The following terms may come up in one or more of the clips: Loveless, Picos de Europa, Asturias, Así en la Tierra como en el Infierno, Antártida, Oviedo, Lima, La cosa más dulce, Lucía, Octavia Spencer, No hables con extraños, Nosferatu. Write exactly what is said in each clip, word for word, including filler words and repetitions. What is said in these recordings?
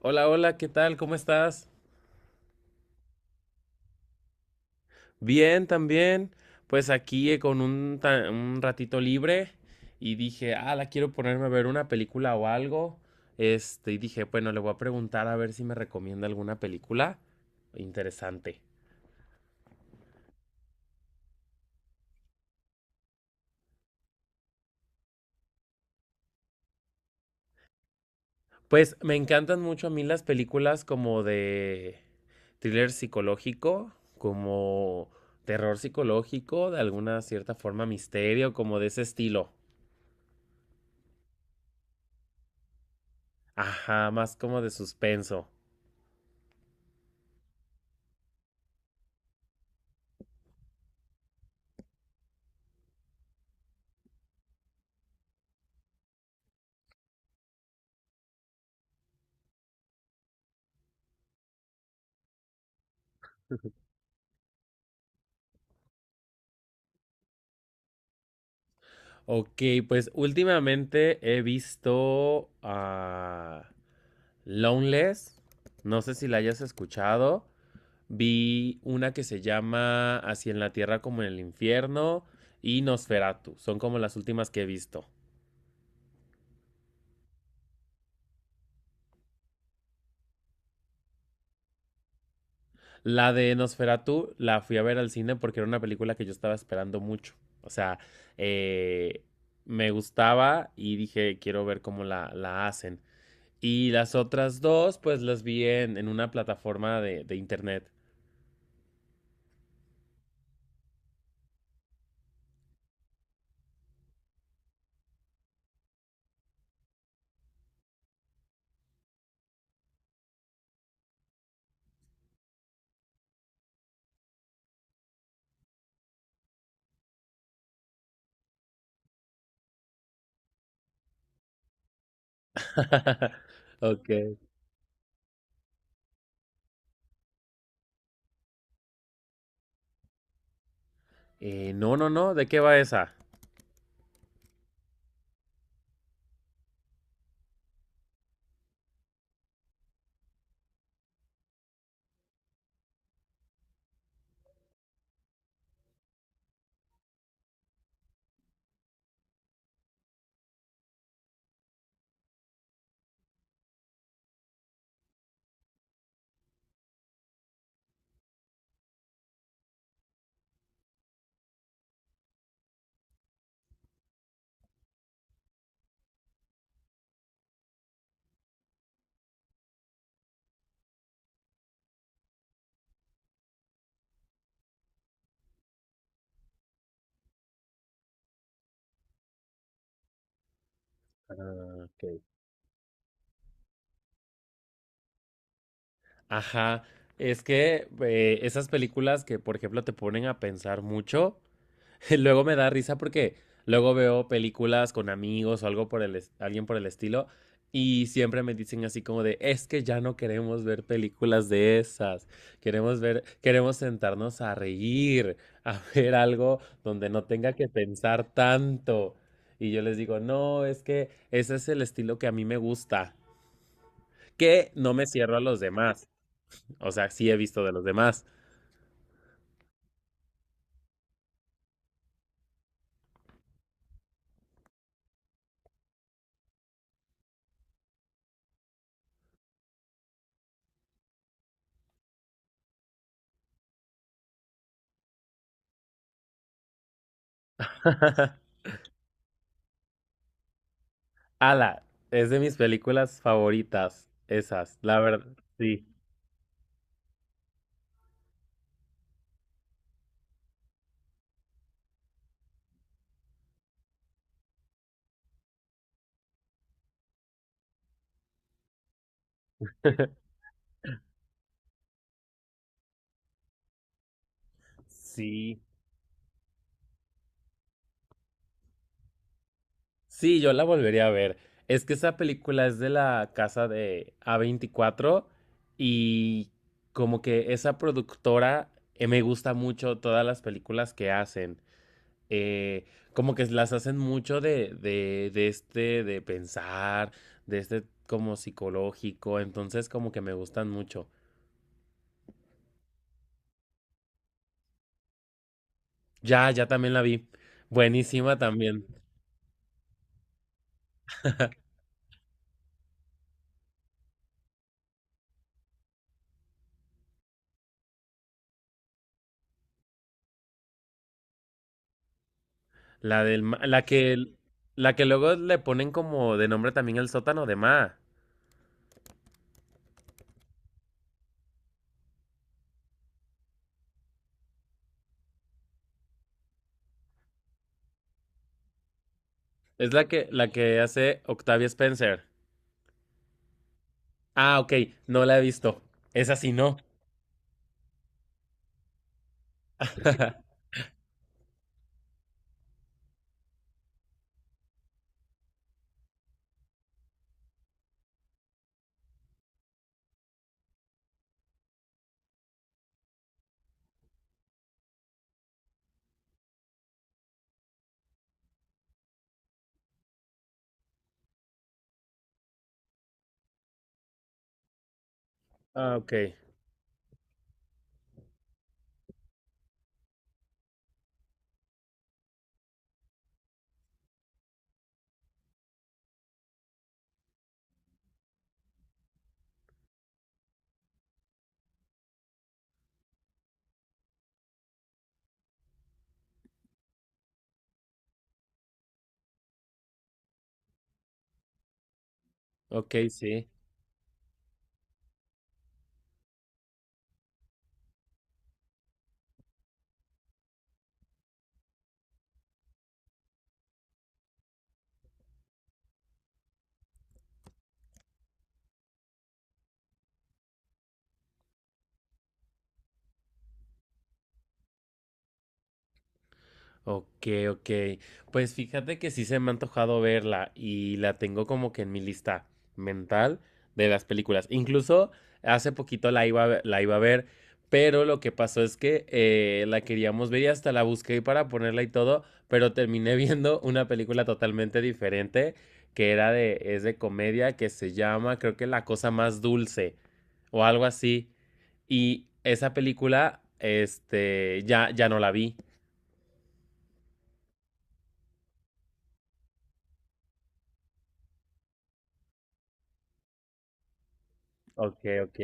Hola, hola, ¿qué tal? ¿Cómo estás? Bien, también. Pues aquí eh, con un, ta- un ratito libre y dije, ah, la quiero ponerme a ver una película o algo. Este, y dije, bueno, le voy a preguntar a ver si me recomienda alguna película interesante. Pues me encantan mucho a mí las películas como de thriller psicológico, como terror psicológico, de alguna cierta forma misterio, como de ese estilo. Ajá, más como de suspenso. Ok, pues últimamente he visto a Loveless, no sé si la hayas escuchado, vi una que se llama Así en la Tierra como en el Infierno y Nosferatu, son como las últimas que he visto. La de Nosferatu la fui a ver al cine porque era una película que yo estaba esperando mucho, o sea, eh, me gustaba y dije, quiero ver cómo la, la hacen. Y las otras dos, pues las vi en, en una plataforma de, de internet. Ok. Eh, no, no, no, ¿de qué va esa? Ah, ok. Ajá, es que eh, esas películas que, por ejemplo, te ponen a pensar mucho. Luego me da risa porque luego veo películas con amigos o algo por el, es- alguien por el estilo y siempre me dicen así como de, es que ya no queremos ver películas de esas, queremos ver, queremos sentarnos a reír, a ver algo donde no tenga que pensar tanto. Y yo les digo, no, es que ese es el estilo que a mí me gusta, que no me cierro a los demás, o sea, sí he visto de los demás. Ala, es de mis películas favoritas, esas, la verdad, sí. Sí. Sí, yo la volvería a ver. Es que esa película es de la casa de a veinticuatro y como que esa productora eh, me gusta mucho todas las películas que hacen. Eh, como que las hacen mucho de, de, de este, de pensar, de este como psicológico. Entonces como que me gustan mucho. Ya, ya también la vi. Buenísima también. La del ma- la que la que luego le ponen como de nombre también el sótano de Ma. Es la que la que hace Octavia Spencer. Ah, ok, no la he visto. Esa sí no. Ah, ok. Ok, sí. Ok, ok. Pues fíjate que sí se me ha antojado verla y la tengo como que en mi lista mental de las películas. Incluso hace poquito la iba a ver, la iba a ver, pero lo que pasó es que eh, la queríamos ver y hasta la busqué para ponerla y todo, pero terminé viendo una película totalmente diferente que era de, es de comedia que se llama, creo que La cosa más dulce o algo así. Y esa película, este, ya, ya no la vi. Ok, ok.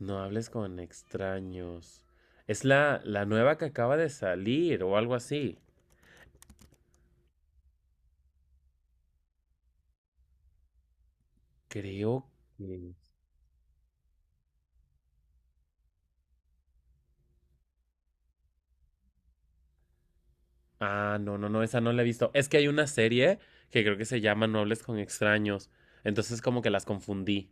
No hables con extraños. Es la, la nueva que acaba de salir o algo así. Creo que... Ah, no, no, no, esa no la he visto. Es que hay una serie que creo que se llama No hables con extraños. Entonces como que las confundí.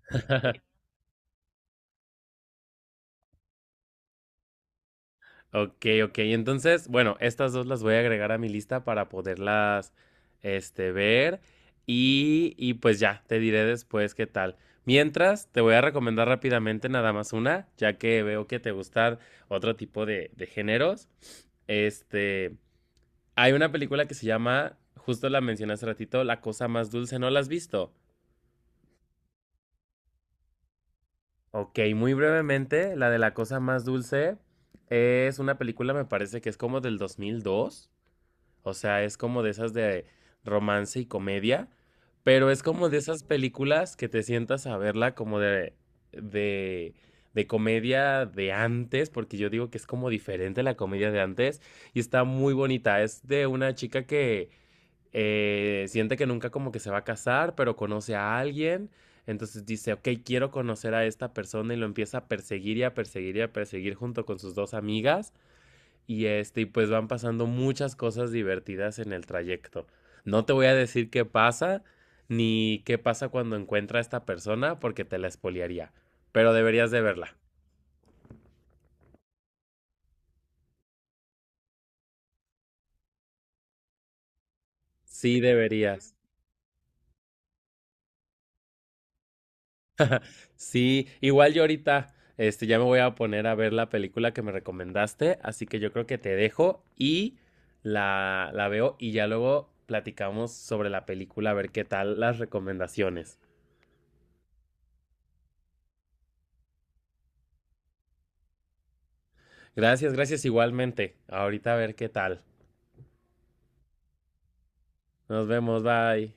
Ok, ok. Entonces, bueno, estas dos las voy a agregar a mi lista para poderlas, este, ver. Y, y pues ya, te diré después qué tal. Mientras, te voy a recomendar rápidamente nada más una, ya que veo que te gustan otro tipo de, de géneros. Este, hay una película que se llama, justo la mencioné hace ratito, La cosa más dulce. ¿No la has visto? Ok, muy brevemente, la de La cosa más dulce es una película, me parece que es como del dos mil dos. O sea, es como de esas de romance y comedia, pero es como de esas películas que te sientas a verla como de, de, de comedia de antes, porque yo digo que es como diferente a la comedia de antes y está muy bonita. Es de una chica que eh, siente que nunca como que se va a casar, pero conoce a alguien. Entonces dice, ok, quiero conocer a esta persona y lo empieza a perseguir y a perseguir y a perseguir junto con sus dos amigas y este, y pues van pasando muchas cosas divertidas en el trayecto. No te voy a decir qué pasa, ni qué pasa cuando encuentra a esta persona, porque te la espoliaría. Pero deberías de verla. Sí, deberías. Sí, igual yo ahorita, este, ya me voy a poner a ver la película que me recomendaste, así que yo creo que te dejo y la, la veo y ya luego platicamos sobre la película, a ver qué tal las recomendaciones. Gracias, gracias igualmente. Ahorita a ver qué tal. Nos vemos, bye.